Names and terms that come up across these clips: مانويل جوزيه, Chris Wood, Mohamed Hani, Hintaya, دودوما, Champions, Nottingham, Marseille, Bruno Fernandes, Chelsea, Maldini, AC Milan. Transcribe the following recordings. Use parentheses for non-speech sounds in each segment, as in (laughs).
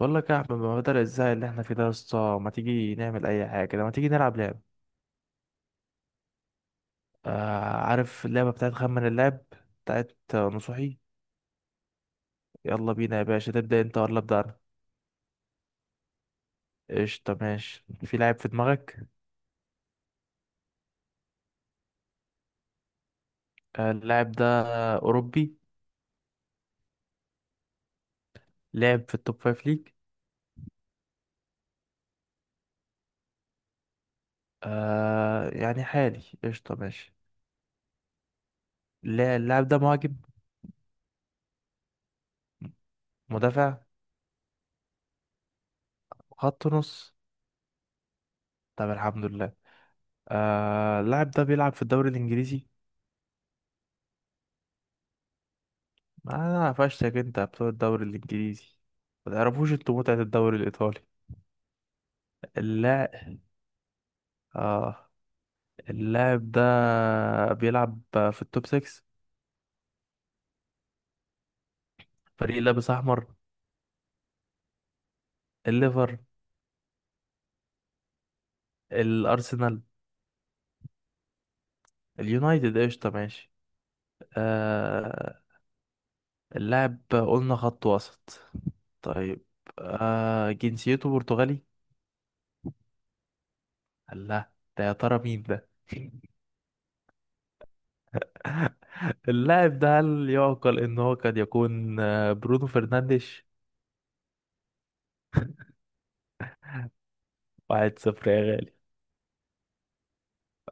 بقول لك يا احمد، ما بدل الزهق اللي احنا فيه ده يا اسطى، ما تيجي نعمل اي حاجه كده؟ ما تيجي نلعب لعب؟ عارف اللعبه بتاعت خمن اللعب؟ بتاعت نصوحي. يلا بينا يا باشا، تبدا انت ولا ابدا انا؟ قشطه ماشي. في لاعب في دماغك. اللاعب ده اوروبي. لعب في التوب فايف ليج. يعني حالي، قشطه ماشي. اللاعب ده مهاجم؟ مدافع؟ خط نص؟ طب الحمد لله. اللاعب ده بيلعب في الدوري الانجليزي. ما انا قفشتك، انت بتوع الدوري الانجليزي، ما تعرفوش انتوا متعة الدوري الايطالي. اللاعب، اه، اللاعب ده بيلعب في التوب 6. فريق لابس احمر؟ الليفر؟ الارسنال؟ اليونايتد؟ قشطة ماشي. آه اللاعب قلنا خط وسط. طيب. جنسيته برتغالي. لا ده يا ترى مين ده؟ (laughs) اللاعب ده هل يعقل ان هو قد يكون برونو فرنانديش؟ 1-0 يا غالي.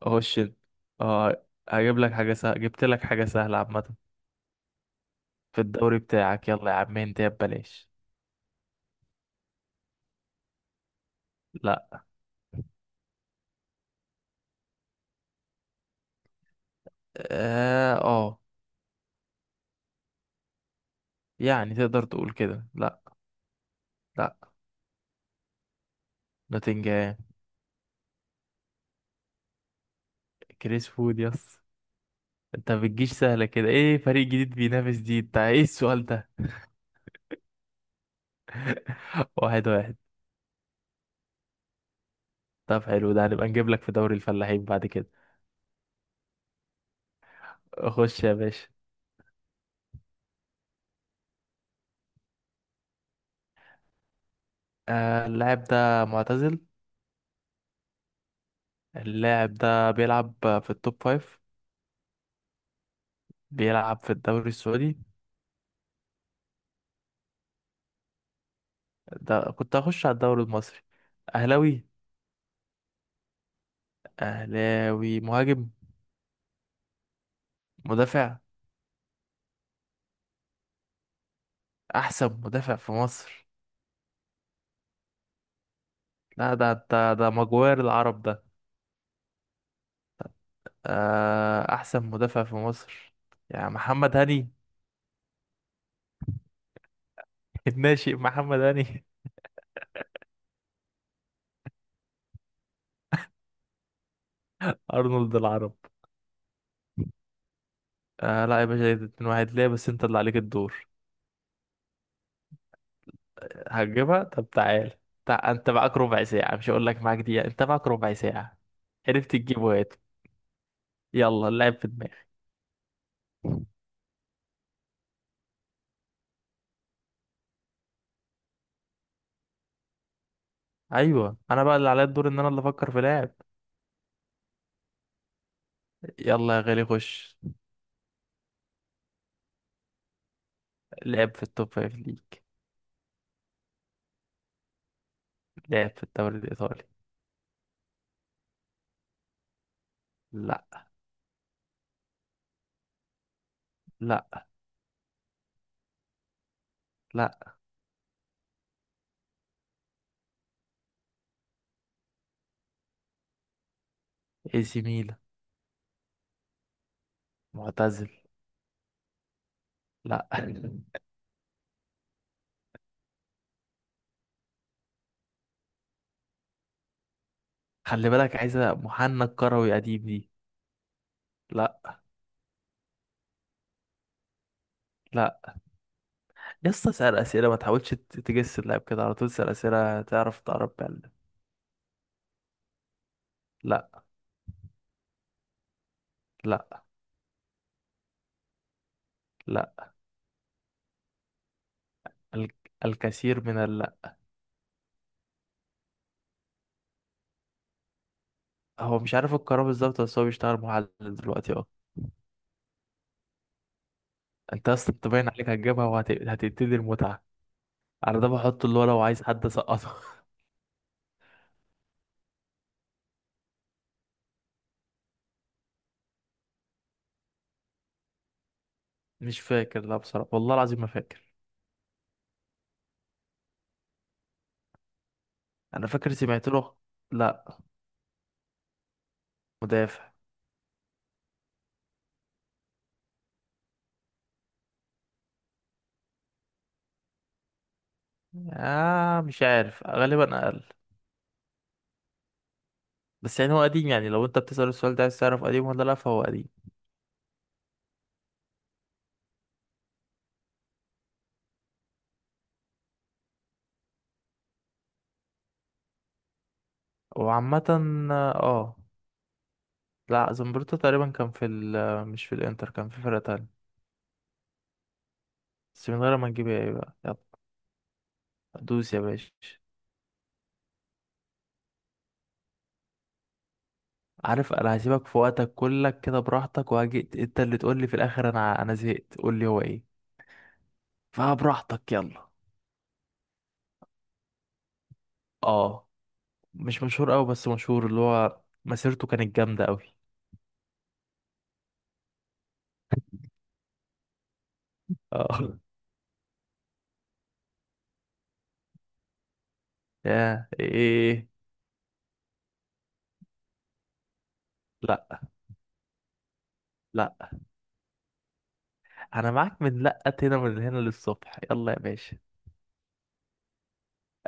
اخش هجيب لك حاجة سهلة، جبت لك حاجة سهلة عامة في الدوري بتاعك، يلا يا عم انت يا ببلاش. لا. اه. يعني تقدر تقول كده، لا. لا. نوتنجهام. كريس فود، يس. انت بتجيش سهلة كده؟ ايه فريق جديد بينافس دي؟ انت ايه السؤال ده؟ (laughs) 1-1. طب حلو، ده هنبقى نجيب لك في دوري الفلاحين بعد كده. خش يا باشا. اللاعب ده معتزل؟ اللاعب ده بيلعب في التوب فايف؟ بيلعب في الدوري السعودي؟ ده كنت هخش على الدوري المصري. اهلاوي؟ اهلاوي، مهاجم؟ مدافع؟ احسن مدافع في مصر. لا، ده مجوار العرب ده. احسن مدافع في مصر، يا محمد هاني. (laughs) الناشئ محمد هاني. (laughs) ارنولد العرب. آه لا يا باشا، إيه ده؟ 2-1 ليه؟ بس انت اللي عليك الدور. هتجيبها؟ طب تعال. انت معاك ربع ساعة، مش هقول لك معاك دقيقة، انت معاك ربع ساعة. عرفت تجيبه هاته. يلا، اللعب في دماغي. ايوه، انا بقى اللي عليا الدور ان انا اللي افكر في لاعب. يلا يا غالي، خش. لعب في التوب فايف ليج. لعب في الدوري الإيطالي. لا. لا. لا. اي سي ميلان. معتزل. لا، خلي بالك، عايزة محنك كروي قديم دي. لا. لا. يسطا اسأل أسئلة، ما تحاولش تجس اللاعب كده على طول. اسأل أسئلة تعرف، تعرف بقى. لا. لا. لا. ال- الكثير من اللا. هو مش عارف القرار بالظبط، بس هو بيشتغل محلل دلوقتي، اه. انت اصلا انت باين عليك هتجيبها وهتبتدي المتعة. على ده بحط اللي هو لو عايز حد اسقطه. مش فاكر، لا بصراحة، والله العظيم ما فاكر. انا فاكر سمعت له. لا. مدافع. مش عارف، غالبا اقل. بس يعني هو قديم. يعني لو انت بتسأل السؤال ده عايز تعرف قديم ولا لا، فهو قديم. وعامة. اه. لا زمبروتا تقريبا كان في ال، مش في الانتر، كان في فرقة تانية. بس من غير ما نجيب، ايه بقى، يلا دوس يا باشا. عارف انا هسيبك في وقتك كلك كده براحتك، وهجي انت اللي تقول لي في الاخر انا زهقت، قول لي هو ايه. فبراحتك، يلا. اه، مش مشهور قوي، بس مشهور اللي هو مسيرته كانت جامدة قوي. اه. (laughs) يا ايه. لا. لا. انا معاك من لقت هنا، من هنا للصبح، يلا يا باشا.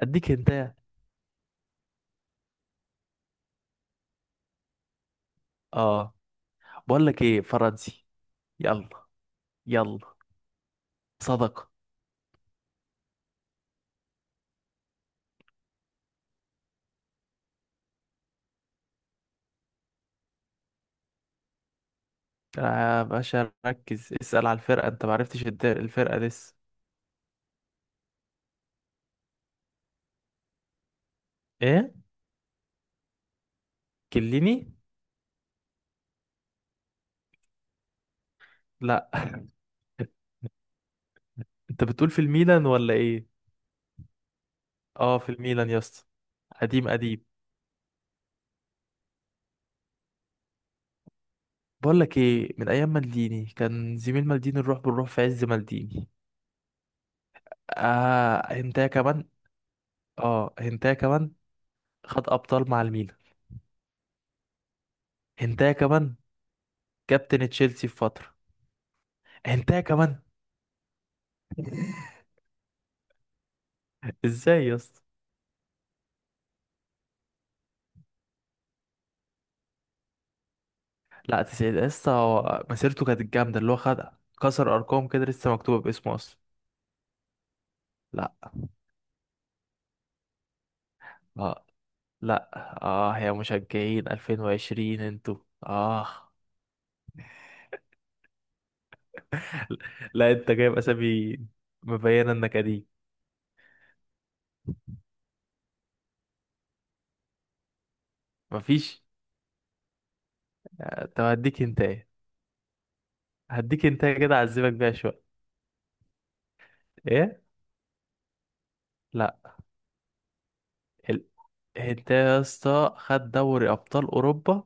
اديك انت. اه. بقول لك ايه، فرنسي. يلا. يلا. صدقة. يا باشا ركز، اسأل على الفرقة، انت معرفتش الفرقة لسه. ايه. كليني. لا. انت بتقول في الميلان ولا ايه؟ اه في الميلان يا اسطى. قديم قديم. بقول لك ايه، من ايام مالديني، كان زميل مالديني، نروح بنروح في عز مالديني. اه، هنتايا كمان. اه، هنتايا كمان. خد ابطال مع الميلان، هنتايا كمان. كابتن تشيلسي في فتره، هنتايا كمان. (laughs) ازاي يا اسطى؟ لا تسعيد يا اسطى، هو مسيرته كانت جامده، اللي هو خد كسر ارقام كده لسه مكتوبه باسمه اصلا. لا. اه. لا. اه يا مشجعين 2020 انتوا. اه. (laughs) لا انت جايب اسامي مبينه انك قديم. مفيش. طب هديك انت ايه، هديك انت ايه كده، اعذبك بيها شويه. ايه. لا. ال... انت يا اسطى خد دوري ابطال اوروبا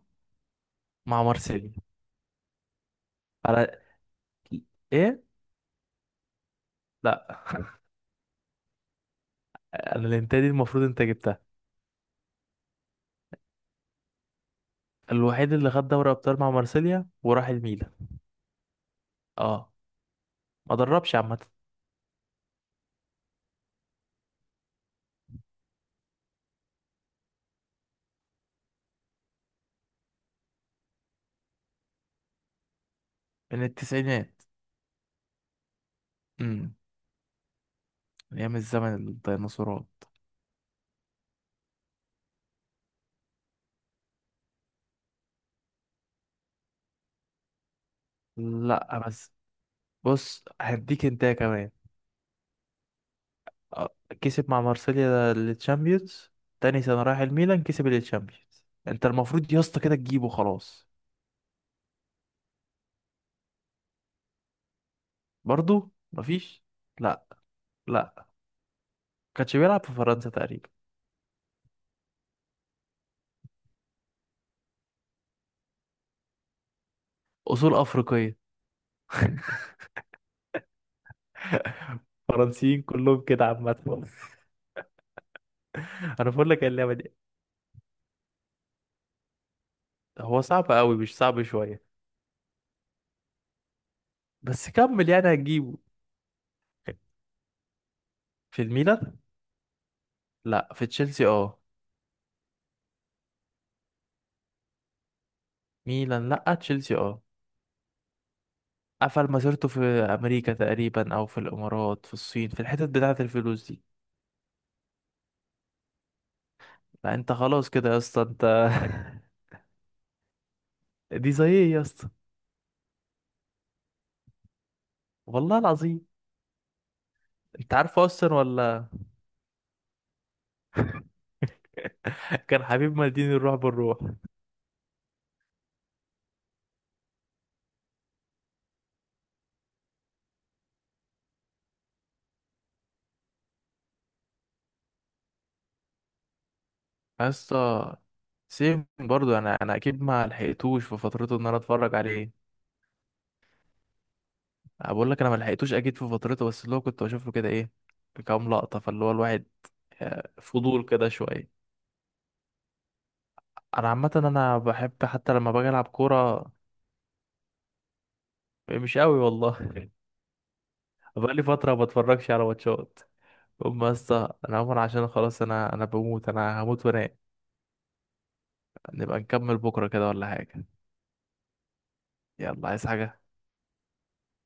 مع مارسيليا. على. ايه. لا، انا الانت دي المفروض انت جبتها. الوحيد اللي خد دوري ابطال مع مارسيليا وراح الميلان. اه. ما دربش، عامه. من التسعينات. امم. ايام الزمن الديناصورات. لا بس. بص هديك انت كمان. آه، كسب مع مارسيليا التشامبيونز، تاني سنة رايح الميلان كسب التشامبيونز. انت المفروض يا اسطى كده تجيبه خلاص. برضو مفيش. لا. لا. كانش بيلعب في فرنسا تقريبا. اصول افريقيه. (laughs) فرنسيين كلهم كده عامه. انا بقول لك اللعبه دي هو صعب قوي، مش صعب شويه. بس كمل، يعني هتجيبه. في الميلان، لا في تشيلسي اه. ميلان لا تشيلسي اه. قفل مسيرته في امريكا تقريبا او في الامارات، في الصين، في الحتت بتاعه الفلوس دي. لا انت خلاص كده يا اسطى انت. (laughs) دي زي ايه يا اسطى؟ والله العظيم انت عارف اصلا ولا؟ (laughs) كان حبيب مالديني، الروح بالروح. يا اسطى سيم برضو، انا اكيد ما لحقتوش في فترته ان انا اتفرج عليه. بقول لك انا ما لحقتوش اكيد في فترته، بس اللي هو كنت بشوف له كده ايه، كام لقطه، فاللي هو الواحد فضول كده شويه. انا عامه انا بحب حتى لما باجي العب كوره. مش قوي والله. (laughs) بقالي فتره ما بتفرجش على ماتشات. قوم يا اسطى، انا عمر، عشان خلاص، انا بموت، انا هموت وانام. نبقى نكمل بكره كده ولا حاجه؟ يلا، عايز حاجه.